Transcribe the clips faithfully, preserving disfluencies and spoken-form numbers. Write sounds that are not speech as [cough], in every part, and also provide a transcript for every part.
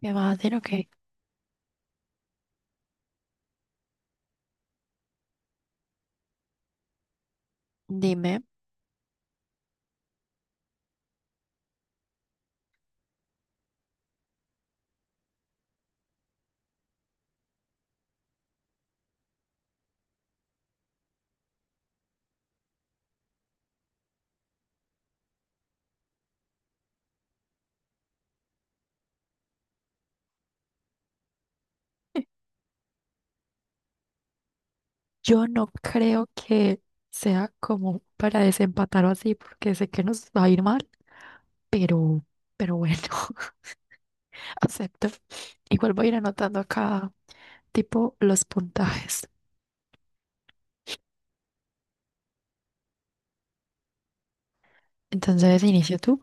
¿Qué va a hacer? Ok, dime. Yo no creo que sea como para desempatar o así, porque sé que nos va a ir mal, pero, pero bueno, [laughs] acepto. Igual voy a ir anotando acá, tipo, los puntajes. Entonces, inicio tú.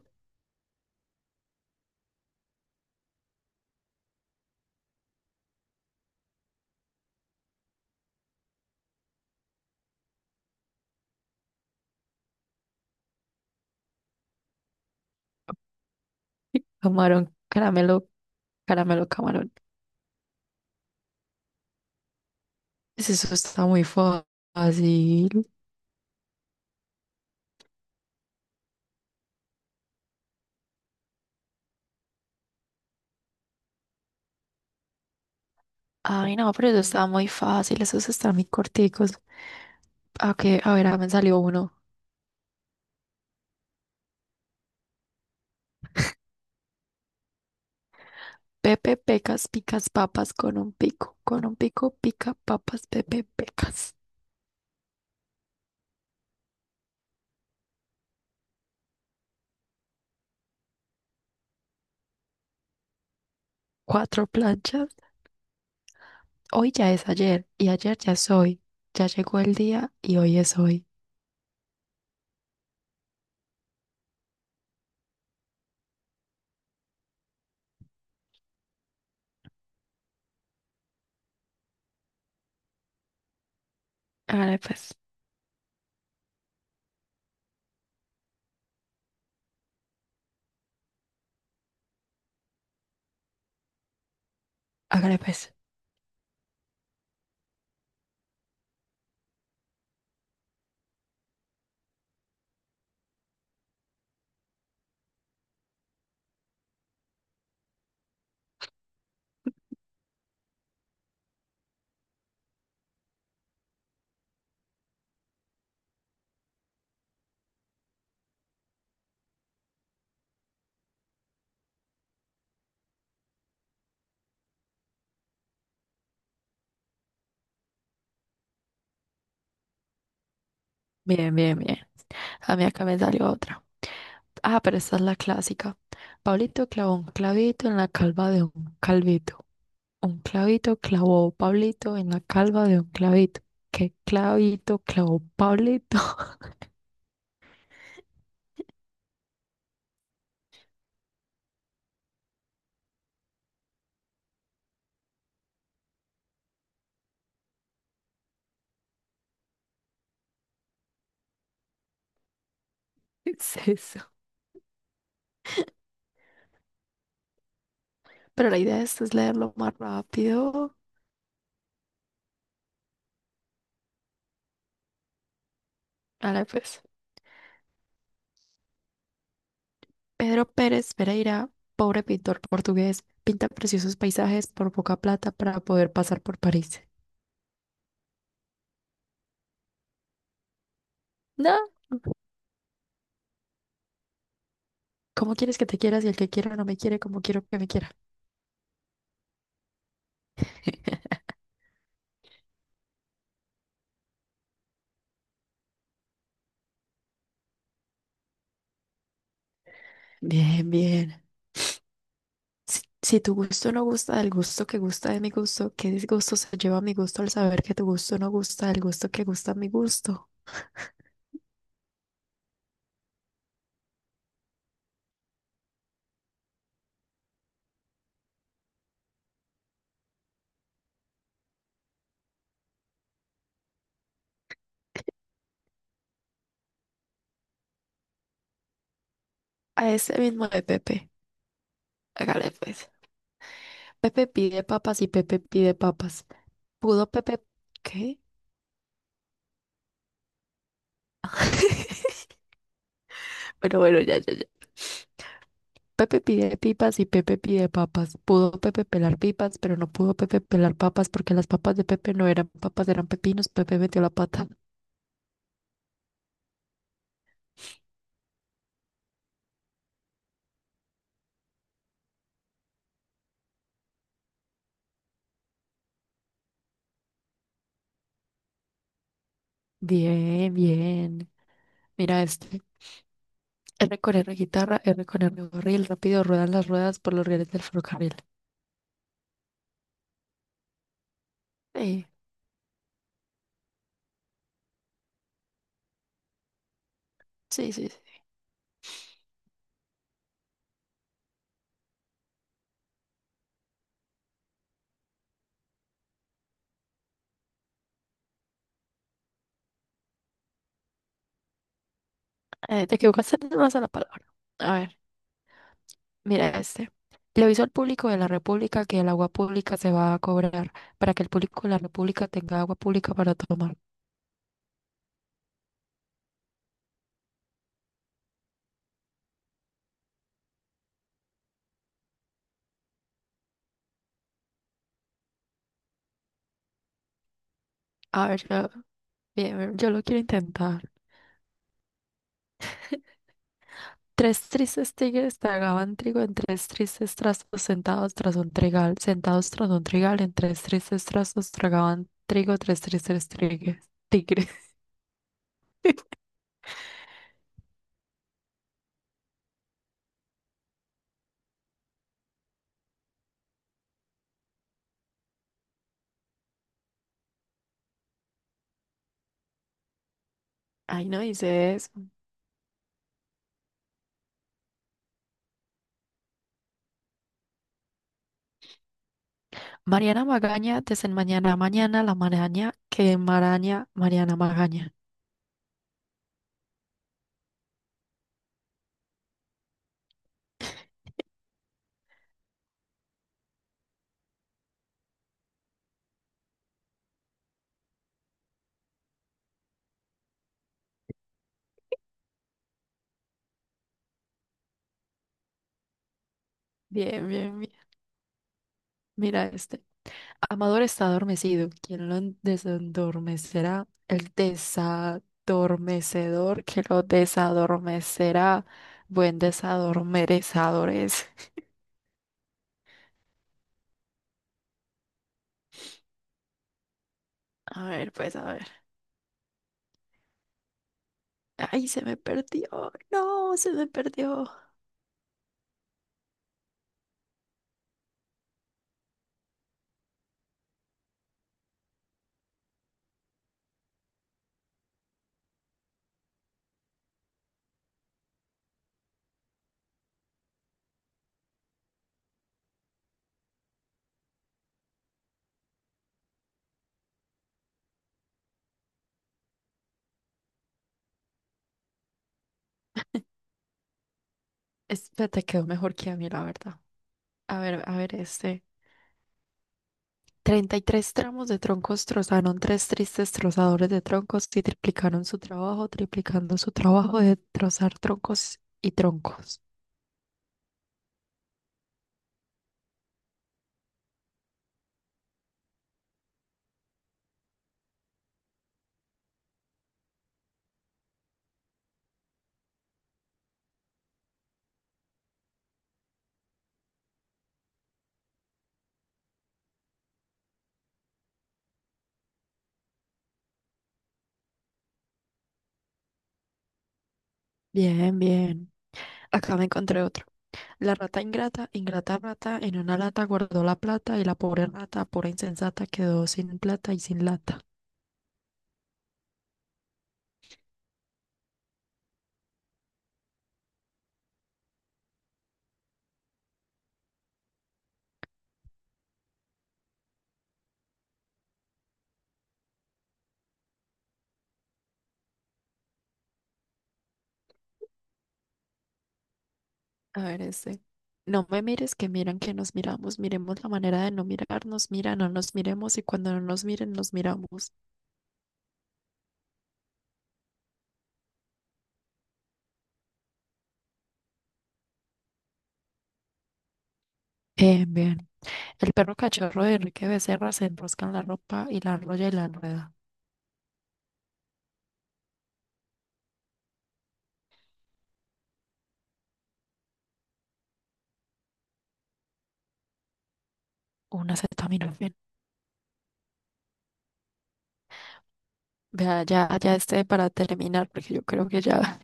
Camarón, caramelo, caramelo, camarón. Pues eso está muy fácil. Ay, no, pero eso está muy fácil. Esos están muy corticos. Ah, ok, a ver, ah, me salió uno. Pepe pecas, picas papas con un pico. Con un pico pica papas, Pepe pecas. Cuatro planchas. Hoy ya es ayer y ayer ya es hoy. Ya llegó el día y hoy es hoy. Hágale pues, hágale pues. Bien, bien, bien. A mí acá me salió otra. Ah, pero esta es la clásica. Pablito clavó un clavito en la calva de un calvito. Un clavito clavó Pablito en la calva de un clavito. ¿Qué clavito clavó Pablito? [laughs] ¿Es eso? Pero la idea de esto es leerlo más rápido. Ahora pues. Pedro Pérez Pereira, pobre pintor portugués, pinta preciosos paisajes por poca plata para poder pasar por París. No, ¿cómo quieres que te quieras y el que quiera no me quiere como quiero que me quiera? Bien, bien. Si, si tu gusto no gusta del gusto que gusta de mi gusto, ¿qué disgusto se lleva mi gusto al saber que tu gusto no gusta del gusto que gusta mi gusto? A ese mismo de Pepe. Hágale pues. Pepe pide papas y Pepe pide papas. ¿Pudo Pepe... ¿Qué? [laughs] Bueno, bueno, ya, ya, ya. Pepe pide pipas y Pepe pide papas. Pudo Pepe pelar pipas, pero no pudo Pepe pelar papas porque las papas de Pepe no eran papas, eran pepinos. Pepe metió la pata. Bien, bien. Mira este. R con R guitarra, R con R barril. Rápido ruedan las ruedas por los rieles del ferrocarril. Sí, sí, sí, sí. Eh, te equivocaste más a la palabra. A ver. Mira este. Le aviso al público de la República que el agua pública se va a cobrar para que el público de la República tenga agua pública para tomar. A ver, yo, bien, yo lo quiero intentar. Tres tristes tigres tragaban trigo en tres tristes trastos sentados tras un trigal. Sentados tras un trigal en tres tristes trastos tragaban trigo tres tristes trigues- tigres. [laughs] Ay, no dice eso. Mariana Magaña, desenmañana mañana a mañana, la maraña que maraña Mariana Magaña. Bien, bien, bien. Mira este. Amador está adormecido. ¿Quién lo en- desendormecerá? El desadormecedor que lo desadormecerá. Buen desadormecedor es. A ver, pues a ver. Ay, se me perdió. No, se me perdió. Este te quedó mejor que a mí, la verdad. A ver, a ver, este. Treinta y tres tramos de troncos trozaron tres tristes trozadores de troncos y triplicaron su trabajo, triplicando su trabajo de trozar troncos y troncos. Bien, bien. Acá me encontré otro. La rata ingrata, ingrata rata, en una lata guardó la plata y la pobre rata, pura insensata, quedó sin plata y sin lata. A ver, este. No me mires, que miran que nos miramos. Miremos la manera de no mirarnos. Mira, no nos miremos y cuando no nos miren, nos miramos. Eh, bien. El perro cachorro de Enrique Becerra se enrosca en la ropa y la enrolla y la enreda. Una acetaminofén. Vea, ya, ya este para terminar, porque yo creo que ya,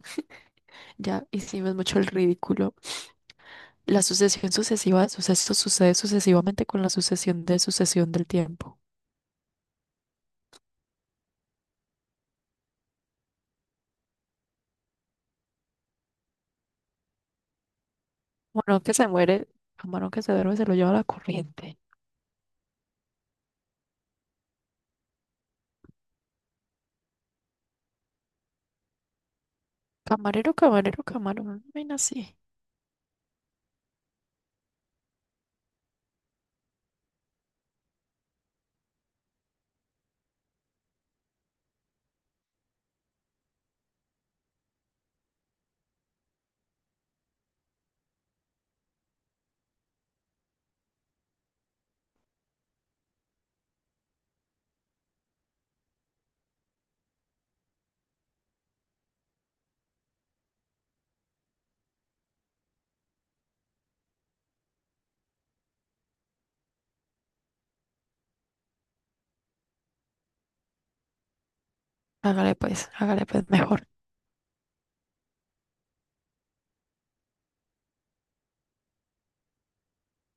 ya hicimos mucho el ridículo. La sucesión sucesiva de sucesos sucede sucesivamente con la sucesión de sucesión del tiempo. Camarón que se muere, camarón que se duerme, se lo lleva la corriente. Camarero, camarero, camarón, ven así. Hágale pues, hágale pues mejor.